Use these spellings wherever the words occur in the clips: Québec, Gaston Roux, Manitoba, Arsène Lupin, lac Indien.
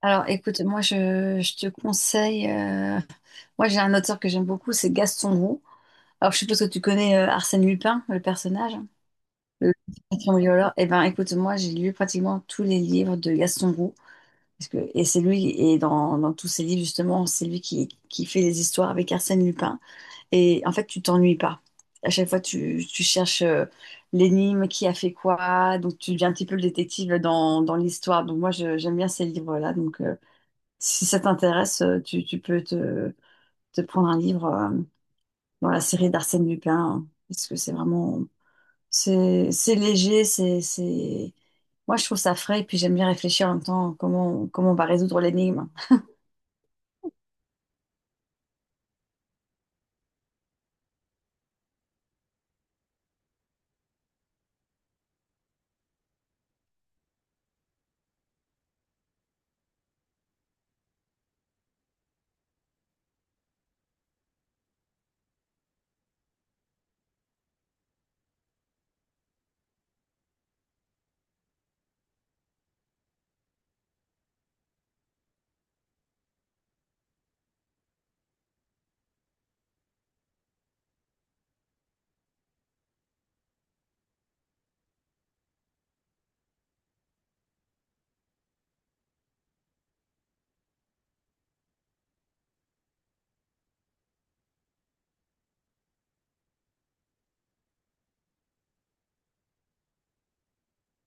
Alors, écoute, moi, je te conseille. Moi, j'ai un auteur que j'aime beaucoup, c'est Gaston Roux. Alors, je suppose que tu connais Arsène Lupin, le personnage, hein, le patron violeur. Eh ben, écoute, moi, j'ai lu pratiquement tous les livres de Gaston Roux. Parce que, et c'est lui, et dans tous ses livres, justement, c'est lui qui fait les histoires avec Arsène Lupin. Et en fait, tu t'ennuies pas. À chaque fois, tu cherches l'énigme, qui a fait quoi. Donc, tu deviens un petit peu le détective dans l'histoire. Donc, moi, j'aime bien ces livres-là. Donc, si ça t'intéresse, tu peux te prendre un livre dans la série d'Arsène Lupin, hein, parce que c'est vraiment, c'est léger, moi je trouve ça frais, et puis j'aime bien réfléchir en même temps comment, comment on va résoudre l'énigme.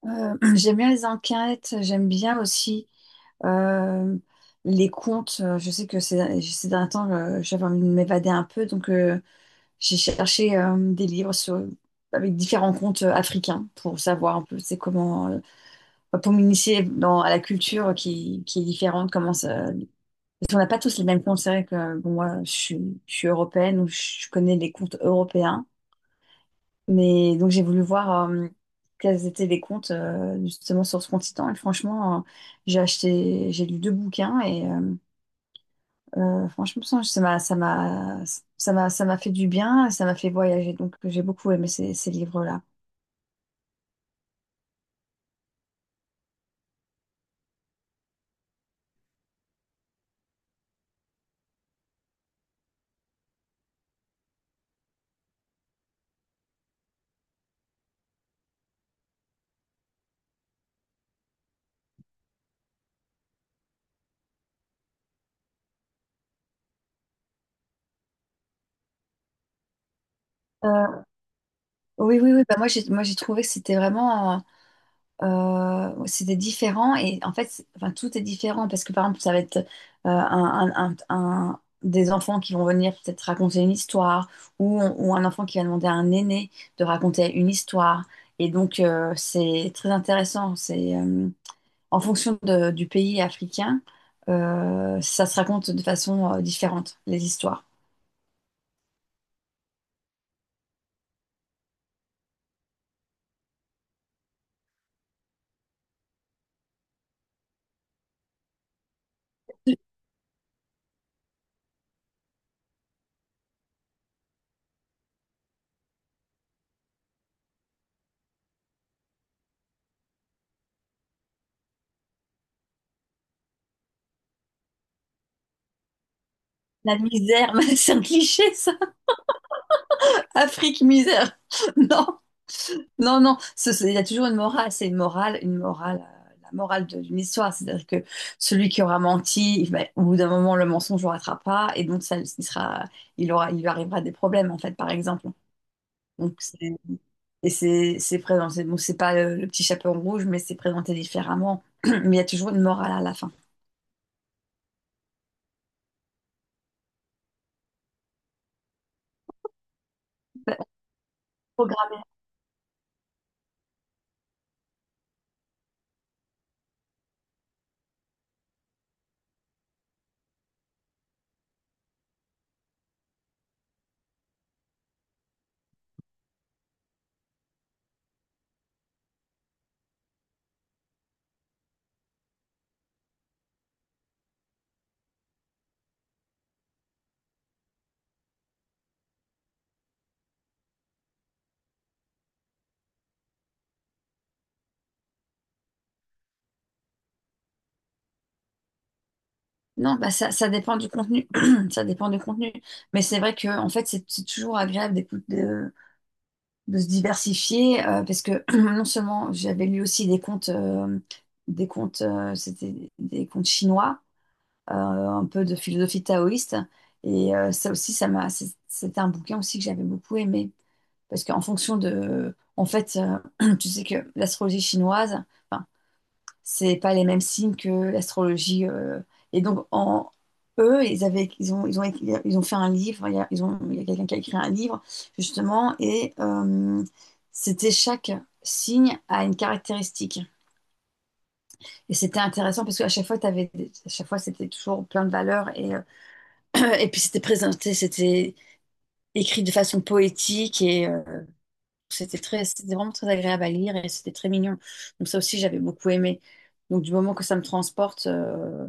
J'aime bien les enquêtes, j'aime bien aussi euh, les contes. Je sais que ces derniers temps, j'avais envie de m'évader un peu, donc j'ai cherché des livres avec différents contes africains pour savoir un peu c'est comment, pour m'initier à la culture qui est différente. Comment ça, parce qu'on n'a pas tous les mêmes contes. C'est vrai que bon, moi, je suis européenne, donc je connais les contes européens. Mais donc j'ai voulu voir quels étaient les comptes justement sur ce continent. Et franchement, j'ai acheté, j'ai lu deux bouquins et franchement, ça m'a fait du bien, ça m'a fait voyager. Donc j'ai beaucoup aimé ces livres-là. Euh, oui, oui, oui. Bah, moi, j'ai trouvé que c'était vraiment c'était différent et en fait, enfin, tout est différent parce que par exemple, ça va être des enfants qui vont venir peut-être raconter une histoire ou un enfant qui va demander à un aîné de raconter une histoire. Et donc, c'est très intéressant. C'est en fonction du pays africain, ça se raconte de façon différente, les histoires. La misère, c'est un cliché, ça. Afrique, misère. Non. Non, il y a toujours une morale, la morale d'une histoire, c'est-à-dire que celui qui aura menti, ben, au bout d'un moment, le mensonge ne rattrape pas, et donc ça, il sera, il aura, il lui arrivera des problèmes, en fait, par exemple. Donc, et c'est présenté, bon, c'est pas le, petit chaperon rouge, mais c'est présenté différemment, mais il y a toujours une morale à la fin. Ben, programmer. Non, bah ça, ça dépend du contenu, ça dépend du contenu, mais c'est vrai que, en fait, c'est toujours agréable d'écouter, de se diversifier parce que non seulement j'avais lu aussi des comptes, c'était des comptes chinois, un peu de philosophie taoïste. Et ça aussi, c'était un bouquin aussi que j'avais beaucoup aimé parce qu'en fonction de, en fait, tu sais que l'astrologie chinoise, enfin, c'est pas les mêmes signes que l'astrologie. Et donc, eux, ils avaient, ils ont, écrit- ils ont fait un livre, il y a quelqu'un qui a écrit un livre, justement, et c'était chaque signe a une caractéristique. Et c'était intéressant parce qu'à chaque fois, à chaque fois, c'était toujours plein de valeurs et, et puis c'était écrit de façon poétique et c'était c'était vraiment très agréable à lire et c'était très mignon. Donc ça aussi, j'avais beaucoup aimé. Donc du moment que ça me transporte,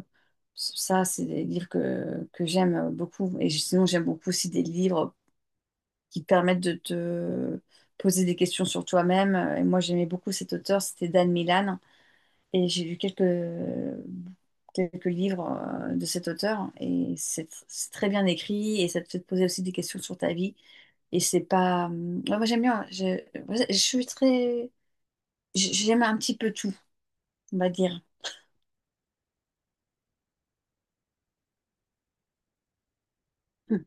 ça, c'est des livres que j'aime beaucoup. Et sinon, j'aime beaucoup aussi des livres qui permettent de te poser des questions sur toi-même. Et moi, j'aimais beaucoup cet auteur, c'était Dan Milan. Et j'ai lu quelques livres de cet auteur. Et c'est très bien écrit et ça te fait te poser aussi des questions sur ta vie. Et c'est pas. Hum, ouais, moi, j'aime bien. Je suis très. J- J'aime un petit peu tout, on va dire. Hum.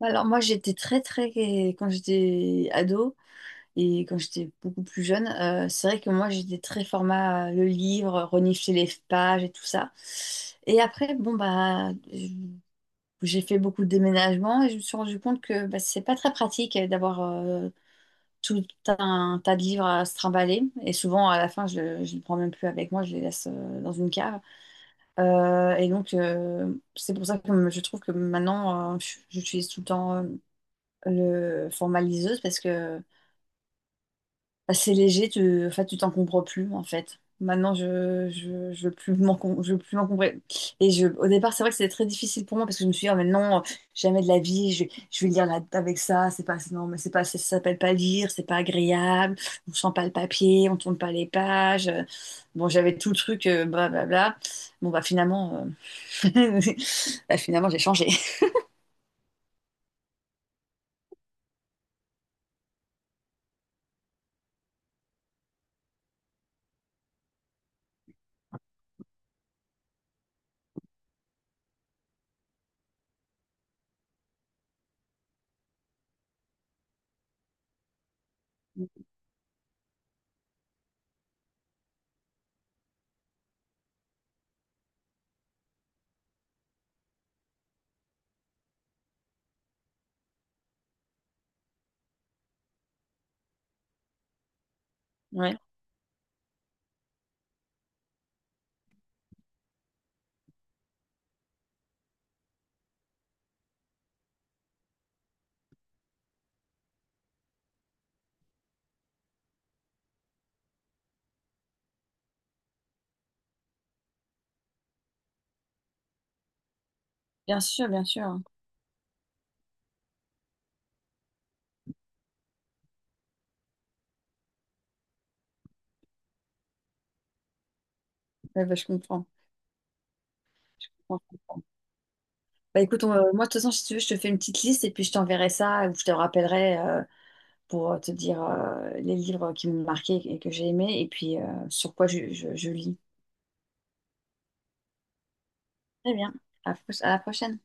Alors, moi, j'étais très. Quand j'étais ado, et quand j'étais beaucoup plus jeune, c'est vrai que moi j'étais très format le livre, renifler les pages et tout ça. Et après, bon bah j'ai fait beaucoup de déménagements et je me suis rendu compte que bah, c'est pas très pratique d'avoir tout un tas de livres à se trimballer. Et souvent à la fin, je ne les prends même plus avec moi, je les laisse dans une cave. Et donc c'est pour ça que je trouve que maintenant j'utilise tout le temps le format liseuse parce que bah, c'est léger, en fait, tu t'en comprends plus, en fait. Maintenant, je veux plus je veux plus m'encombrer. Et je, au départ, c'est vrai que c'était très difficile pour moi parce que je me suis dit, oh, mais non, jamais de la vie, je vais lire avec ça, c'est pas, non, mais c'est pas, ça s'appelle pas lire, c'est pas agréable, on sent pas le papier, on tourne pas les pages. Bon, j'avais tout le truc, blablabla. Bon, bah, finalement, euh, bah, finalement, j'ai changé. Ouais, bien sûr, bien sûr. Ouais, bah, je comprends. Je comprends. Bah écoute, moi de toute façon, si tu veux, je te fais une petite liste et puis je t'enverrai ça ou je te rappellerai pour te dire les livres qui m'ont marqué et que j'ai aimé et puis sur quoi je lis. Très bien. À, à la prochaine.